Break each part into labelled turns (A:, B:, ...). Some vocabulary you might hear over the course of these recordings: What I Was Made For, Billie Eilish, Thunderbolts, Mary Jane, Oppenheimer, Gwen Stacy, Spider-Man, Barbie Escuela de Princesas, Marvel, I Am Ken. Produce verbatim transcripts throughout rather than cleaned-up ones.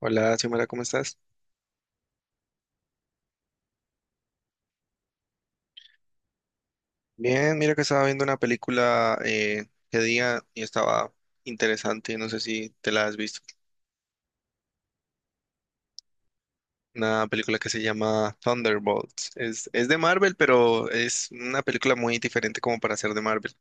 A: Hola, Xiomara, ¿cómo estás? Bien, mira que estaba viendo una película eh, que día y estaba interesante, no sé si te la has visto. Una película que se llama Thunderbolts. Es, es de Marvel, pero es una película muy diferente como para ser de Marvel,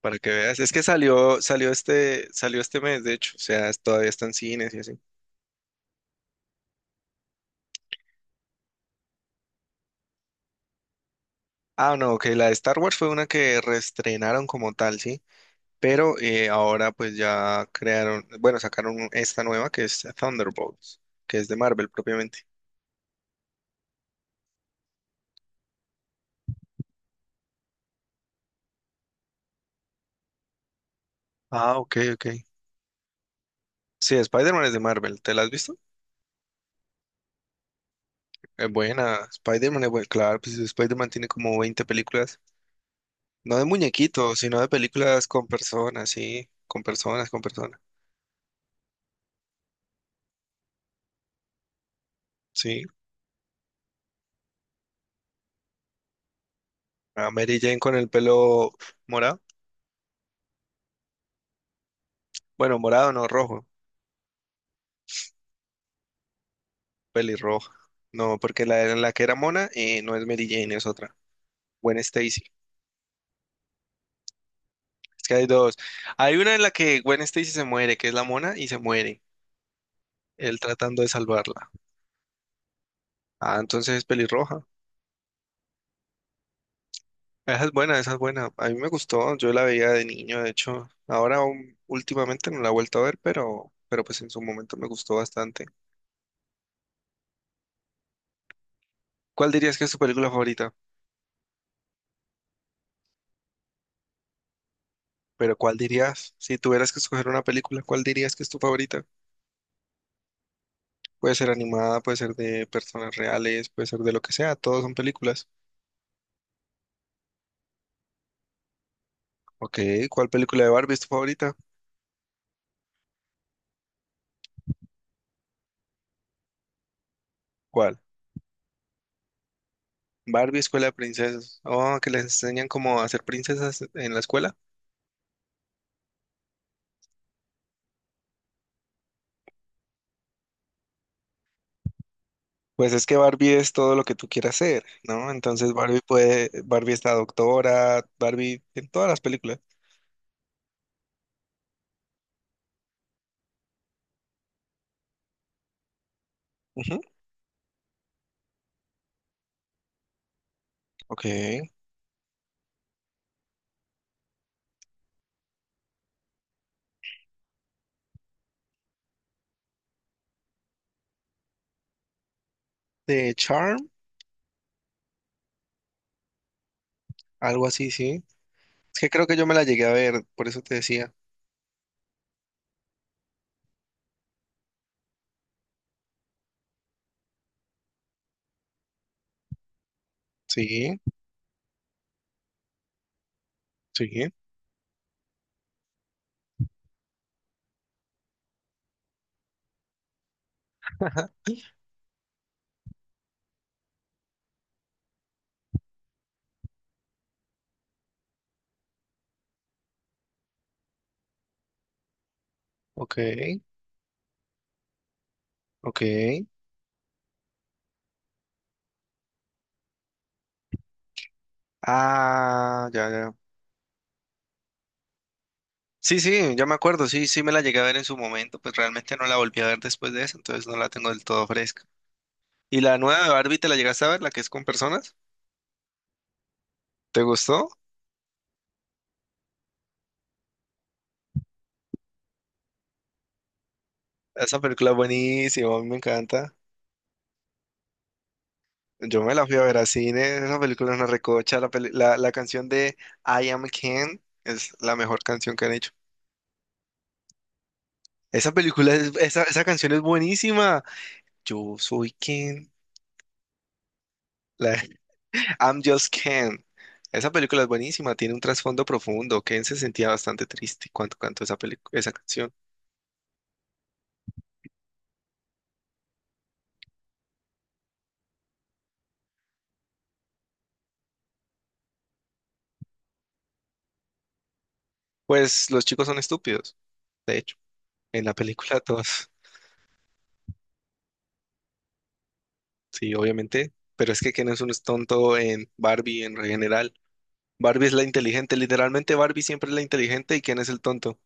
A: para que veas. Es que salió, salió este, salió este mes, de hecho, o sea, es- todavía está en cines y así. Ah, no, que la de Star Wars fue una que reestrenaron como tal, ¿sí? Pero eh, ahora pues ya crearon, bueno, sacaron esta nueva que es Thunderbolts, que es de Marvel propiamente. Ah, ok, ok. Sí, Spider-Man es de Marvel, ¿te la has visto? Es buena, Spider-Man es buena, claro, pues Spider-Man tiene como veinte películas, no de muñequitos, sino de películas con personas, sí, con personas, con personas, sí. A Mary Jane con el pelo morado, bueno, morado no, rojo, pelirroja, no, porque la, la que era mona eh, no es Mary Jane, es otra, Gwen Stacy. Es que hay dos. Hay una en la que Gwen Stacy se muere, que es la mona, y se muere, él tratando de salvarla. Ah, entonces es pelirroja. Esa es buena, esa es buena. A mí me gustó, yo la veía de niño, de hecho. Ahora um, últimamente no la he vuelto a ver, pero, pero pues en su momento me gustó bastante. ¿Cuál dirías que es tu película favorita? Pero ¿cuál dirías? Si tuvieras que escoger una película, ¿cuál dirías que es tu favorita? Puede ser animada, puede ser de personas reales, puede ser de lo que sea, todos son películas. Ok, ¿cuál película de Barbie es tu favorita? ¿Cuál? Barbie Escuela de Princesas. Oh, que les enseñan cómo hacer princesas en la escuela. Pues es que Barbie es todo lo que tú quieras ser, ¿no? Entonces Barbie puede, Barbie está doctora, Barbie en todas las películas. Ujú, ok. De Charm, algo así, sí. Es que creo que yo me la llegué a ver, por eso te decía. Sí, sí. Ajá. Ok, ok. Ah, ya, ya. Sí, sí, ya me acuerdo, sí, sí me la llegué a ver en su momento, pues realmente no la volví a ver después de eso, entonces no la tengo del todo fresca. ¿Y la nueva de Barbie te la llegaste a ver, la que es con personas? ¿Te gustó? Esa película es buenísima, a mí me encanta. Yo me la fui a ver a cine, esa película es una recocha, la, peli- la, la canción de I Am Ken es la mejor canción que han hecho. Esa película, es- esa, esa canción es buenísima. Yo soy Ken, la- I'm just Ken. Esa película es buenísima, tiene un trasfondo profundo. Ken se sentía bastante triste cuando cantó esa película, esa canción. Pues los chicos son estúpidos, de hecho, en la película todos. Sí, obviamente, pero es que Ken es un tonto en Barbie en general. Barbie es la inteligente, literalmente Barbie siempre es la inteligente y Ken es el tonto.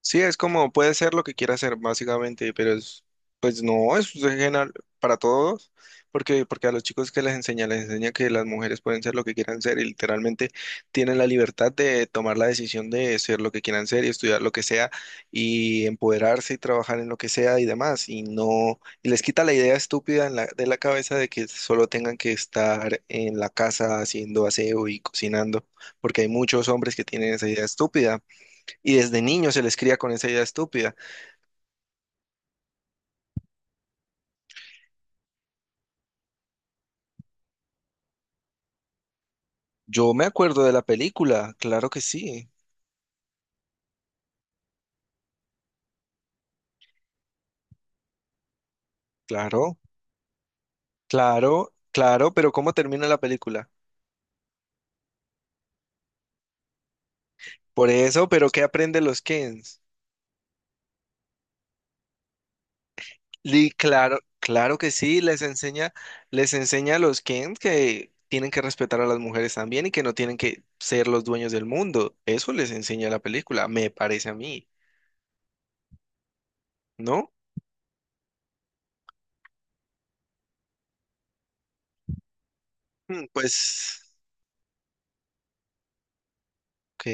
A: Sí, es como puede ser lo que quiera hacer, básicamente, pero es, pues no, es general para todos, porque, porque a los chicos que les enseña, les enseña que las mujeres pueden ser lo que quieran ser y literalmente tienen la libertad de tomar la decisión de ser lo que quieran ser y estudiar lo que sea y empoderarse y trabajar en lo que sea y demás, y no, y les quita la idea estúpida en la- de la cabeza de que solo tengan que estar en la casa haciendo aseo y cocinando, porque hay muchos hombres que tienen esa idea estúpida. Y desde niño se les cría con esa idea estúpida. Yo me acuerdo de la película, claro que sí, claro, claro, claro, pero ¿cómo termina la película? Por eso, pero ¿qué aprenden los Kens? Li, claro, claro que sí, les enseña, les enseña a los Kens que tienen que respetar a las mujeres también y que no tienen que ser los dueños del mundo. Eso les enseña la película, me parece a mí, ¿no? Mm, pues, ok.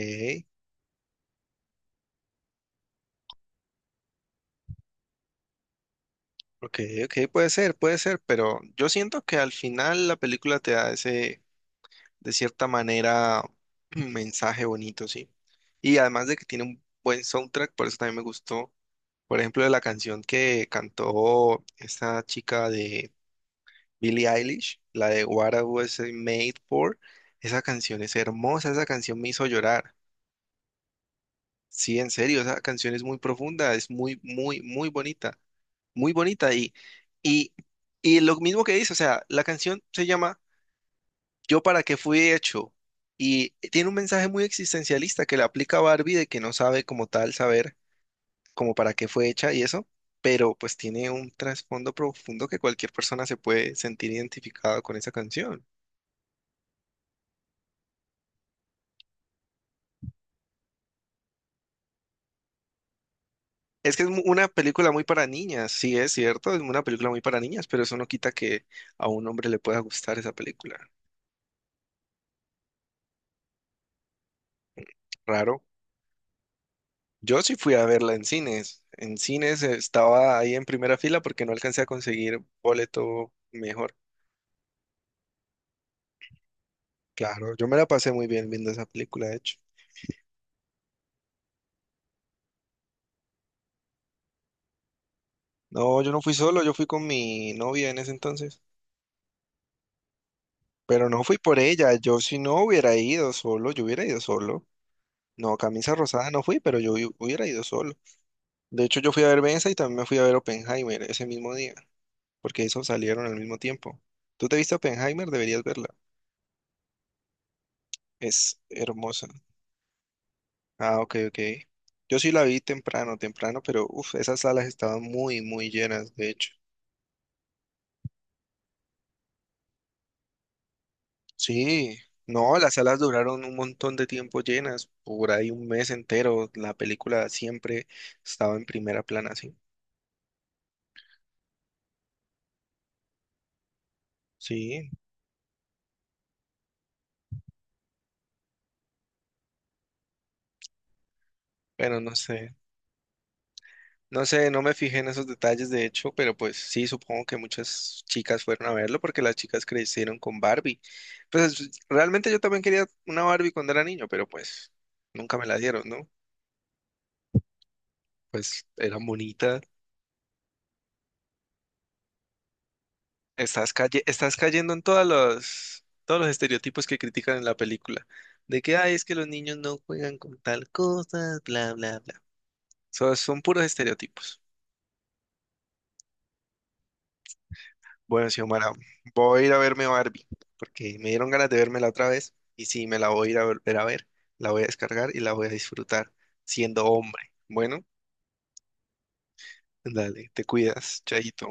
A: Ok, ok, puede ser, puede ser, pero yo siento que al final la película te da ese, de cierta manera, mensaje bonito, sí. Y además de que tiene un buen soundtrack, por eso también me gustó, por ejemplo, de la canción que cantó esta chica de Billie Eilish, la de What I Was Made For, esa canción es hermosa, esa canción me hizo llorar. Sí, en serio, esa canción es muy profunda, es muy, muy, muy bonita, muy bonita. Y, y, y lo mismo que dice, o sea, la canción se llama Yo para qué fui hecho y tiene un mensaje muy existencialista que le aplica a Barbie de que no sabe como tal saber como para qué fue hecha y eso, pero pues tiene un trasfondo profundo que cualquier persona se puede sentir identificada con esa canción. Es que es mu- una película muy para niñas, sí es cierto, es una película muy para niñas, pero eso no quita que a un hombre le pueda gustar esa película. Raro. Yo sí fui a verla en cines. En cines estaba ahí en primera fila porque no alcancé a conseguir boleto mejor. Claro, yo me la pasé muy bien viendo esa película, de hecho. No, yo no fui solo, yo fui con mi novia en ese entonces. Pero no fui por ella. Yo si no hubiera ido solo, yo hubiera ido solo. No, camisa rosada no fui, pero yo hu- hubiera ido solo. De hecho, yo fui a ver Benza y también me fui a ver Oppenheimer ese mismo día, porque esos salieron al mismo tiempo. ¿Tú te viste Oppenheimer? Deberías verla. Es hermosa. Ah, ok, ok. Yo sí la vi temprano, temprano, pero uff, esas salas estaban muy, muy llenas, de hecho. Sí, no, las salas duraron un montón de tiempo llenas, por ahí un mes entero. La película siempre estaba en primera plana, sí. Sí, pero no sé. No sé, no me fijé en esos detalles, de hecho, pero pues sí, supongo que muchas chicas fueron a verlo porque las chicas crecieron con Barbie. Pues realmente yo también quería una Barbie cuando era niño, pero pues nunca me la dieron, ¿no? Pues era bonita. Estás calle- estás cayendo en todos los, todos los estereotipos que critican en la película. De que, ay, es que los niños no juegan con tal cosa, bla, bla, bla. So- son puros estereotipos. Bueno, Xiomara, voy a ir a verme Barbie, porque me dieron ganas de vermela otra vez. Y sí, me la voy a ir a volver a ver, la voy a descargar y la voy a disfrutar siendo hombre. Bueno, dale, te cuidas, chaito.